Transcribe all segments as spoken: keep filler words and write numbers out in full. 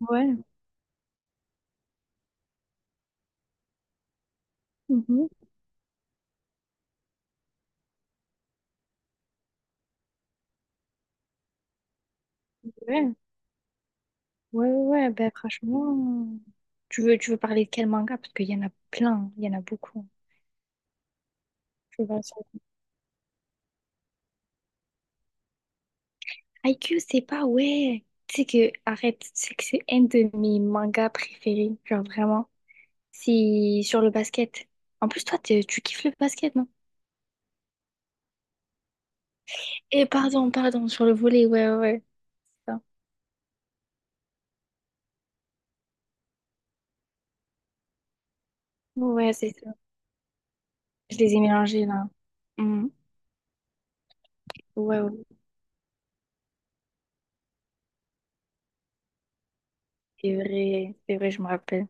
Ouais. Mhm. Ouais. Ouais, ouais, ouais. Ben, franchement, tu veux, tu veux parler de quel manga? Parce qu'il y en a plein, il y en a beaucoup. Je vais voir ça. Q c'est pas, ouais. Tu sais que, arrête, tu sais que c'est un de mes mangas préférés, genre vraiment. C'est sur le basket. En plus, toi, t'es- tu kiffes le basket, non? Et pardon, pardon, sur le volley, ouais, ouais, ouais. C'est ça. Ouais, c'est ça. Je les ai mélangés là. Mhm. Ouais, ouais, c'est vrai, c'est vrai, je me rappelle.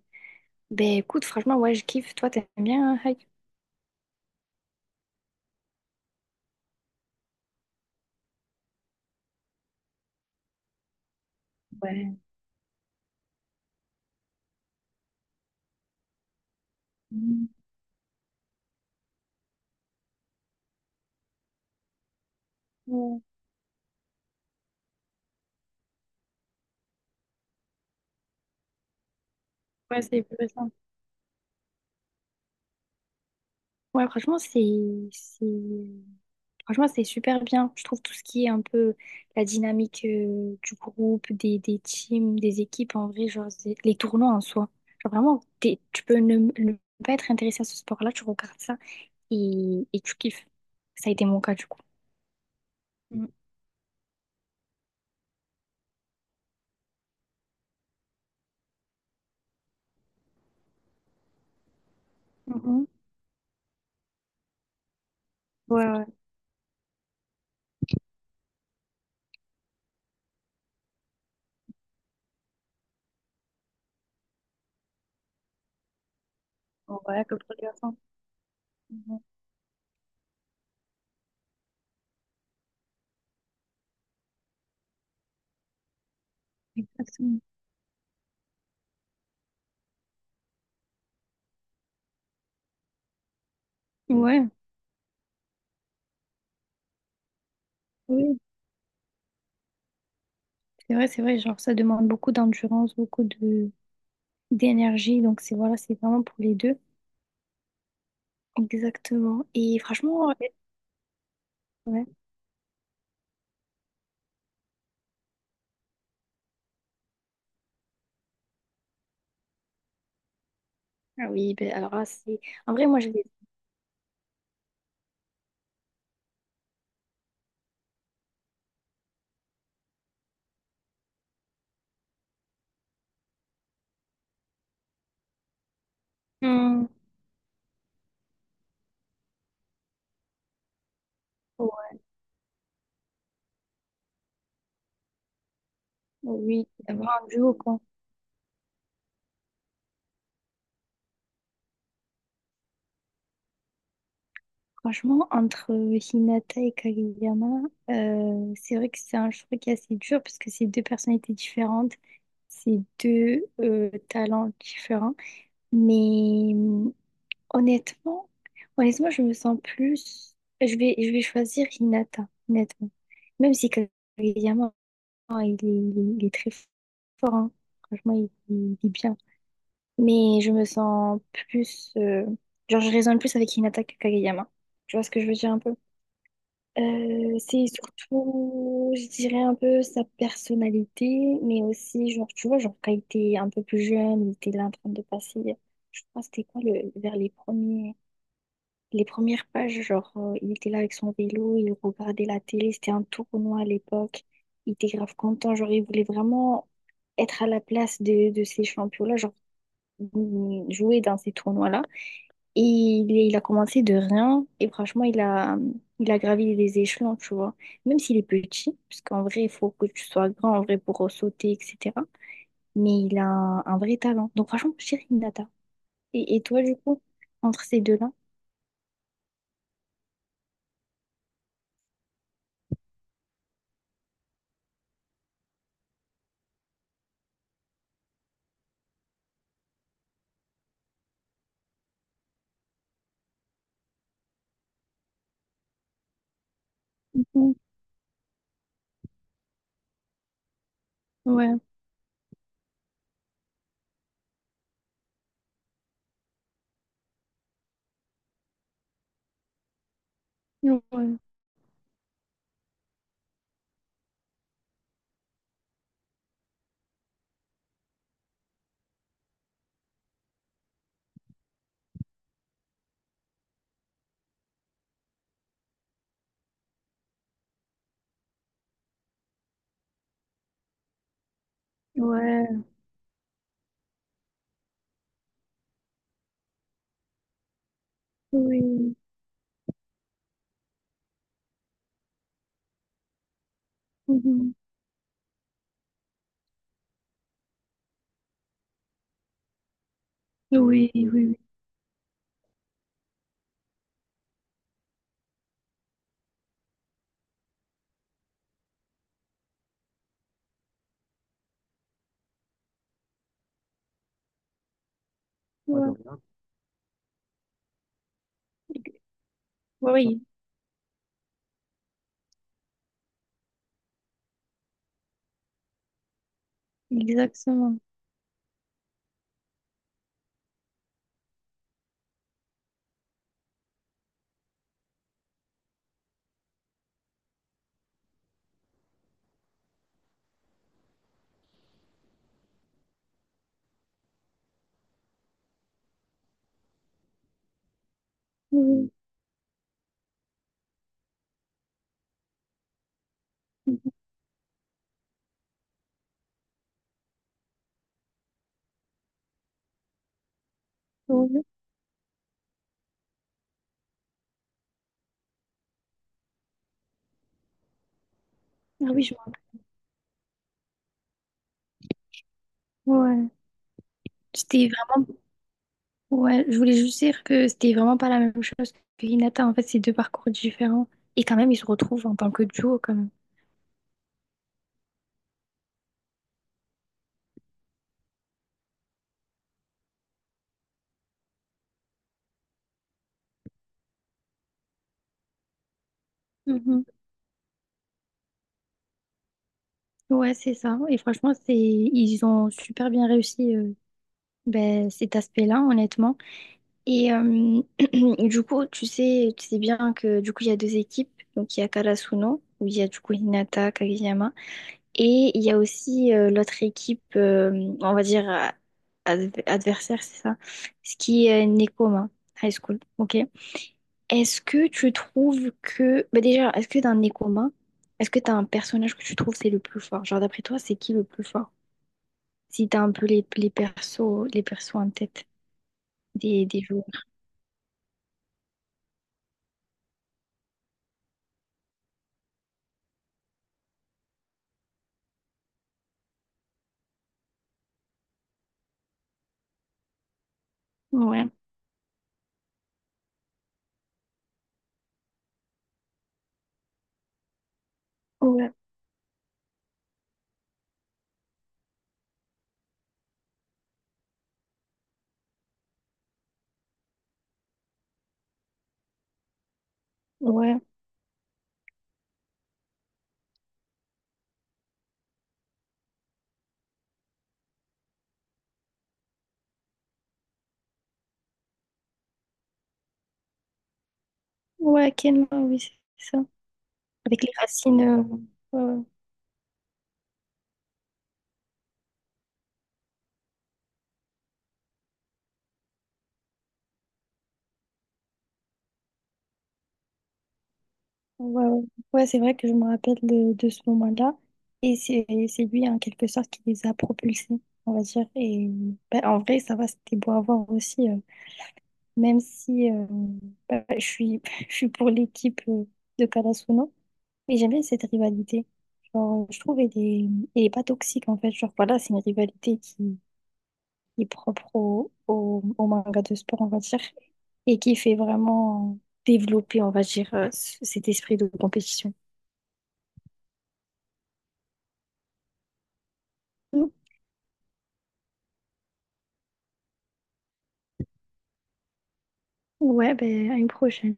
Ben écoute, franchement, ouais, je kiffe. Toi, t'aimes bien hein. Ouais. Mm. Ouais. Ouais, c'est plus simple. Ouais, franchement, c'est, c'est, franchement, c'est super bien. Je trouve tout ce qui est un peu la dynamique euh, du groupe, des, des teams, des équipes, en vrai, genre, c'est- les tournois en soi. Genre, vraiment, t'es- tu peux ne, ne pas être intéressé à ce sport-là, tu regardes ça et, et tu kiffes. Ça a été mon cas, du coup. Mm. Mhm. Ouais, ouais. Bon, voilà, comme pour les garçons. Mhm. Exactement. Ouais, oui, c'est vrai, c'est vrai. Genre, ça demande beaucoup d'endurance, beaucoup de, d'énergie. Donc, c'est voilà, c'est vraiment pour les deux. Exactement. Et franchement. Ouais. Ah oui, ben alors là, c'est... En vrai, moi, je vais... Hmm. Ouais, oui, vraiment un duo, quoi. Franchement, entre Hinata et Kageyama, euh, c'est vrai que c'est un choix qui est assez dur parce que c'est deux personnalités différentes, c'est deux euh, talents différents. Mais hum, honnêtement, honnêtement, je me sens plus... Je vais, je vais choisir Hinata, honnêtement. Même si Kageyama, oh, il est, il est- il est très fort, hein. Franchement, il, il est bien. Mais je me sens plus. euh, Genre, je raisonne plus avec Hinata que Kageyama. Tu vois ce que je veux dire un peu? Euh, c'est surtout, je dirais un peu sa personnalité, mais aussi, genre, tu vois, genre, quand il était un peu plus jeune, il était là en train de passer, je crois, c'était quoi, le, vers les premiers. Les premières pages, genre, euh, il était là avec son vélo, il regardait la télé, c'était un tournoi à l'époque. Il était grave content, genre, il voulait vraiment être à la place de, de ces champions-là, genre, mm, jouer dans ces tournois-là. Et il, il a commencé de rien, et franchement, il a, il a gravi les échelons, tu vois. Même s'il est petit, parce qu'en vrai, il faut que tu sois grand, en vrai, pour sauter, et cetera. Mais il a un, un vrai talent. Donc, franchement, chérie Nata. Et, et toi, du coup, entre ces deux-là? Mmh. Ouais, ouais, ouais, oui, mhm. Oui, oui, oui, ouais. Oui, exactement. Oui, mhm. Ouais. Ah oui, je vois. Ouais, c'était vraiment. Ouais, je voulais juste dire que c'était vraiment pas la même chose que Hinata. En fait, c'est deux parcours différents. Et quand même, ils se retrouvent en tant que duo, quand même. Mhm. Ouais, c'est ça. Et franchement, c'est ils ont super bien réussi euh, ben, cet aspect-là, honnêtement. Et euh, du coup, tu sais, tu sais bien que du coup, il y a deux équipes. Donc, il y a Karasuno, où il y a du coup Hinata, Kageyama. Et il y a aussi euh, l'autre équipe, euh, on va dire euh, adv- adversaire, c'est ça, ce qui est Nekoma High School. Ok. Est-ce que tu trouves que. Bah, déjà, est-ce que dans Nekoma, est-ce que tu as un personnage que tu trouves c'est le plus fort? Genre, d'après toi, c'est qui le plus fort? Si tu as un peu les, les persos, les persos en tête des, des joueurs. Ouais, ouais, ouais, ouais, quel oui, c'est ça. Avec les racines. euh, ouais, ouais, ouais. Ouais. Ouais, c'est vrai que je me rappelle de, de ce moment-là. Et c'est c'est lui, en quelque sorte, qui les a propulsés, on va dire. Et bah, en vrai, ça va, c'était beau à voir aussi. euh, même si euh, bah, je suis, je suis pour l'équipe euh, de Kalasuno, mais j'aime bien cette rivalité. Genre, je trouve qu'elle est, elle est pas toxique, en fait. Genre, voilà, c'est une rivalité qui qui est propre au, au, au manga de sport, on va dire, et qui fait vraiment développer, on va dire, euh, c- cet esprit de compétition. Ouais, ben, à une prochaine.